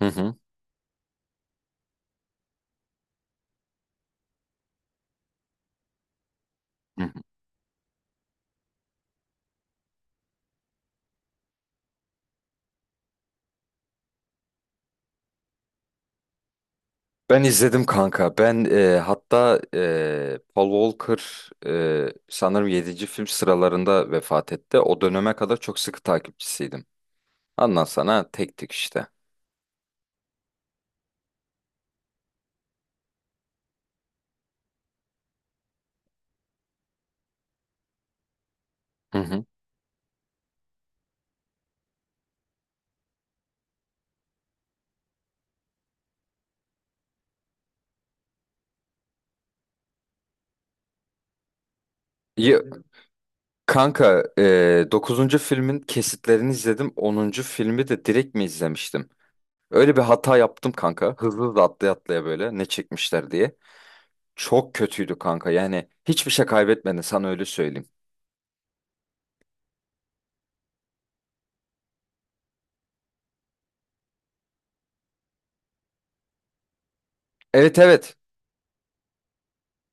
Hı hı. Hı hı. Ben izledim kanka. Ben hatta Paul Walker sanırım yedinci film sıralarında vefat etti. O döneme kadar çok sıkı takipçisiydim. Ondan sana tek tek işte. Hı hı. Ya, kanka 9. filmin kesitlerini izledim. Onuncu filmi de direkt mi izlemiştim? Öyle bir hata yaptım kanka. Hızlı da atlaya atlaya böyle ne çekmişler diye. Çok kötüydü kanka. Yani hiçbir şey kaybetmedin, sana öyle söyleyeyim. Evet, evet.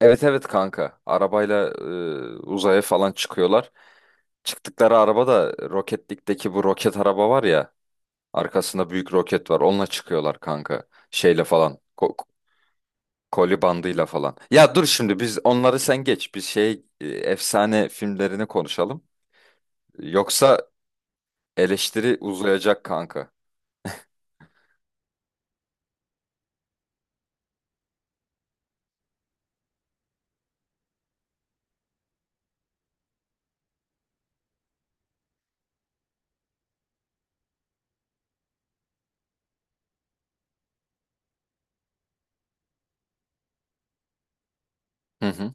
Evet, evet, kanka. Arabayla uzaya falan çıkıyorlar. Çıktıkları araba da Roketlik'teki bu roket araba var ya. Arkasında büyük roket var. Onunla çıkıyorlar kanka. Şeyle falan. Koli bandıyla falan. Ya dur şimdi, biz onları sen geç. Biz şey efsane filmlerini konuşalım. Yoksa eleştiri uzayacak kanka. Hı hı.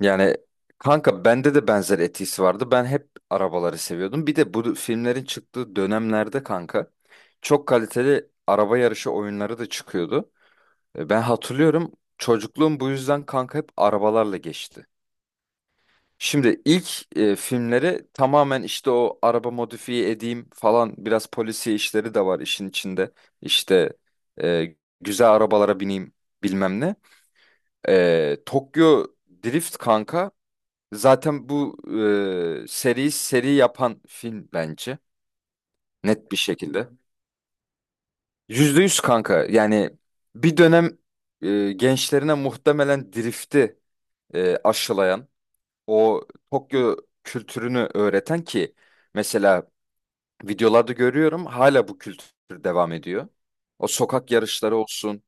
Yani kanka, bende de benzer etkisi vardı. Ben hep arabaları seviyordum. Bir de bu filmlerin çıktığı dönemlerde kanka çok kaliteli araba yarışı oyunları da çıkıyordu. Ben hatırlıyorum, çocukluğum bu yüzden kanka hep arabalarla geçti. Şimdi ilk filmleri tamamen işte o araba modifiye edeyim falan, biraz polisiye işleri de var işin içinde. İşte e, güzel arabalara bineyim bilmem ne. Tokyo Drift kanka. Zaten bu seriyi seri yapan film bence. Net bir şekilde. %100 kanka. Yani bir dönem gençlerine muhtemelen drifti aşılayan, o Tokyo kültürünü öğreten. Ki mesela videolarda görüyorum, hala bu kültür devam ediyor. O sokak yarışları olsun,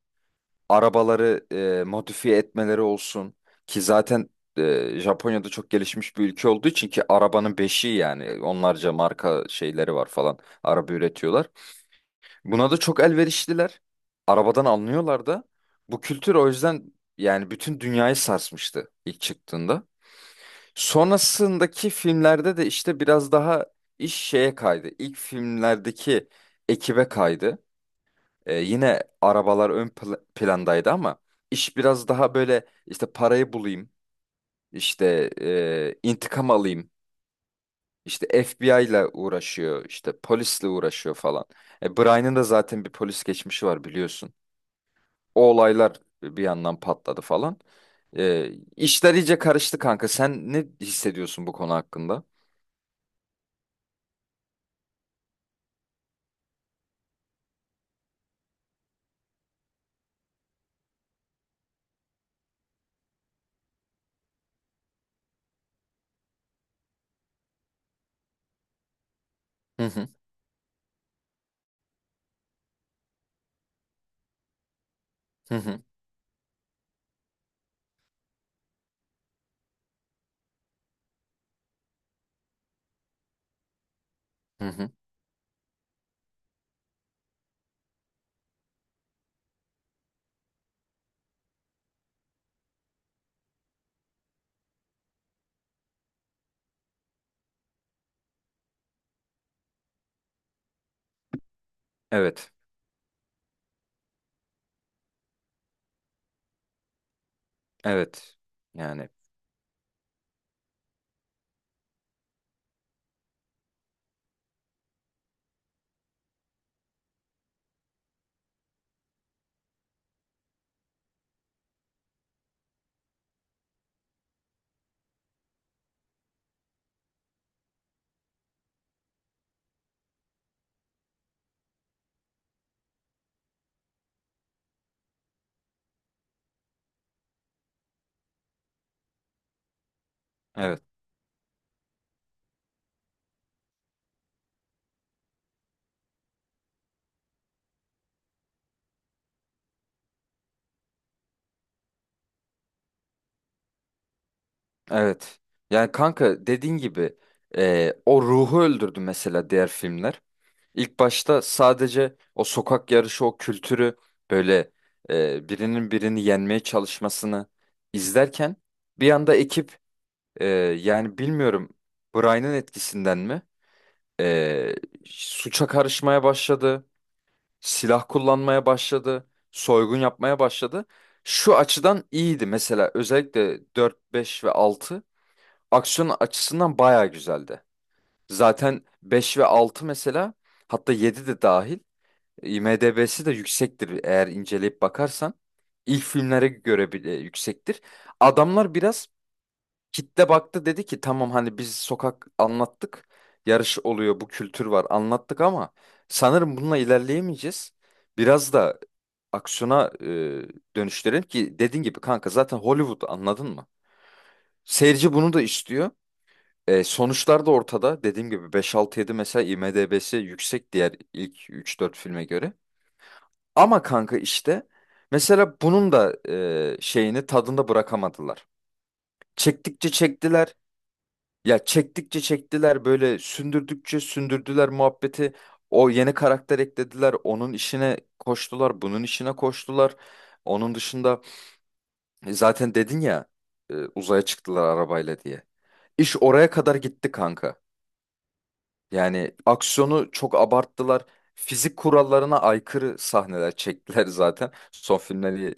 arabaları modifiye etmeleri olsun. Ki zaten Japonya'da çok gelişmiş bir ülke olduğu için, ki arabanın beşiği yani, onlarca marka şeyleri var falan, araba üretiyorlar. Buna da çok elverişliler. Arabadan anlıyorlar da. Bu kültür o yüzden yani bütün dünyayı sarsmıştı ilk çıktığında. Sonrasındaki filmlerde de işte biraz daha iş şeye kaydı. İlk filmlerdeki ekibe kaydı. Yine arabalar ön plandaydı ama iş biraz daha böyle işte parayı bulayım, işte intikam alayım, işte FBI ile uğraşıyor, işte polisle uğraşıyor falan. Brian'ın da zaten bir polis geçmişi var, biliyorsun. O olaylar bir yandan patladı falan. E, işler iyice karıştı kanka. Sen ne hissediyorsun bu konu hakkında? Hı hı, hı hı, hı hı. Evet, evet. Yani, evet. Evet. Yani kanka, dediğin gibi o ruhu öldürdü mesela diğer filmler. İlk başta sadece o sokak yarışı, o kültürü, böyle birinin birini yenmeye çalışmasını izlerken, bir anda ekip, e, yani bilmiyorum Brian'ın etkisinden mi, e, suça karışmaya başladı, silah kullanmaya başladı, soygun yapmaya başladı. Şu açıdan iyiydi mesela, özellikle 4 5 ve altı, aksiyon açısından bayağı güzeldi. Zaten 5 ve 6 mesela, hatta 7 de dahil, IMDb'si de yüksektir, eğer inceleyip bakarsan. İlk filmlere göre bile yüksektir. Adamlar biraz kitle baktı, dedi ki tamam, hani biz sokak anlattık. Yarış oluyor, bu kültür var, anlattık ama sanırım bununla ilerleyemeyeceğiz. Biraz da aksiyona dönüştürelim, ki dediğin gibi kanka, zaten Hollywood, anladın mı? Seyirci bunu da istiyor. Sonuçlar da ortada. Dediğim gibi beş altı yedi mesela IMDb'si yüksek, diğer ilk üç dört filme göre. Ama kanka işte, mesela bunun da şeyini tadında bırakamadılar. Çektikçe çektiler. Ya çektikçe çektiler, böyle sündürdükçe sündürdüler muhabbeti. O yeni karakter eklediler. Onun işine koştular. Bunun işine koştular. Onun dışında zaten dedin ya, uzaya çıktılar arabayla diye. İş oraya kadar gitti kanka. Yani aksiyonu çok abarttılar. Fizik kurallarına aykırı sahneler çektiler zaten. Son filmleri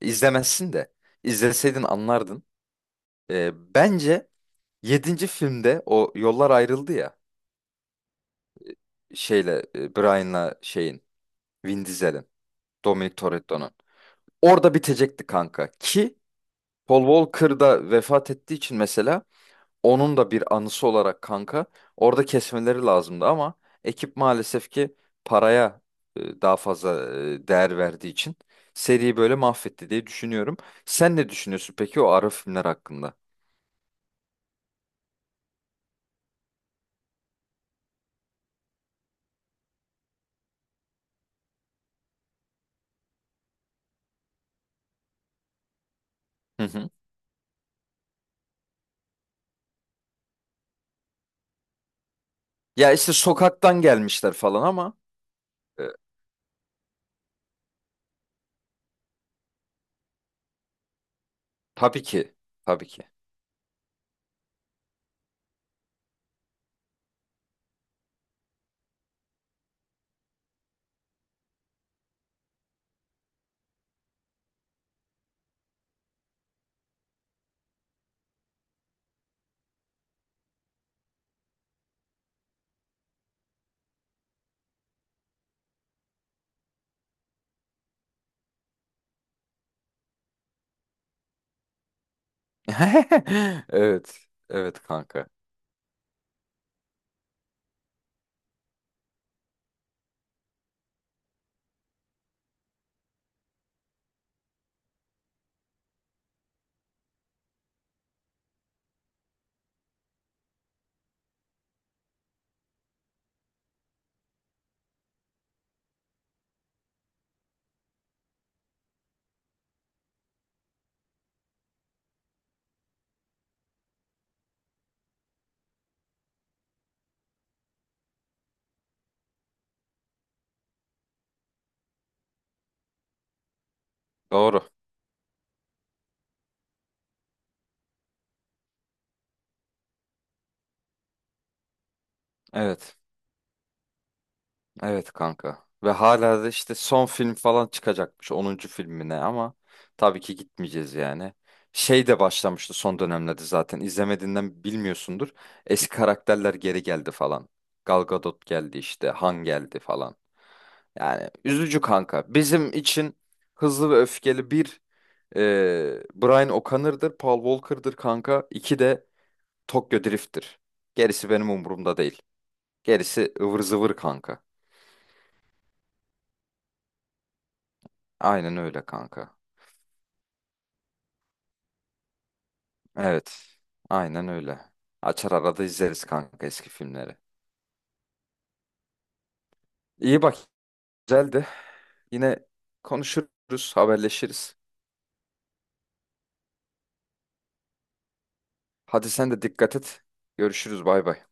izlemezsin de, izleseydin anlardın. Bence yedinci filmde o yollar ayrıldı ya. Şeyle, Brian'la şeyin, Vin Diesel'in, Dominic Toretto'nun. Orada bitecekti kanka. Ki Paul Walker da vefat ettiği için mesela, onun da bir anısı olarak kanka, orada kesmeleri lazımdı ama ekip maalesef ki paraya daha fazla değer verdiği için seriyi böyle mahvetti diye düşünüyorum. Sen ne düşünüyorsun peki o ara filmler hakkında? Hı hı. Ya işte sokaktan gelmişler falan ama e, tabii ki, tabii ki. Evet, evet kanka, doğru, evet. Evet kanka. Ve hala da işte son film falan çıkacakmış, onuncu filmine, ama tabii ki gitmeyeceğiz yani. Şey de başlamıştı son dönemlerde zaten. İzlemediğinden bilmiyorsundur. Eski karakterler geri geldi falan. Gal Gadot geldi işte. Han geldi falan. Yani üzücü kanka. Bizim için Hızlı ve Öfkeli bir e, Brian O'Connor'dır, Paul Walker'dır kanka. İki de Tokyo Drift'tir. Gerisi benim umurumda değil. Gerisi ıvır zıvır kanka. Aynen öyle kanka. Evet. Aynen öyle. Açar arada izleriz kanka eski filmleri. İyi bak, güzeldi. Yine konuşuruz, haberleşiriz. Hadi sen de dikkat et. Görüşürüz, bay bay.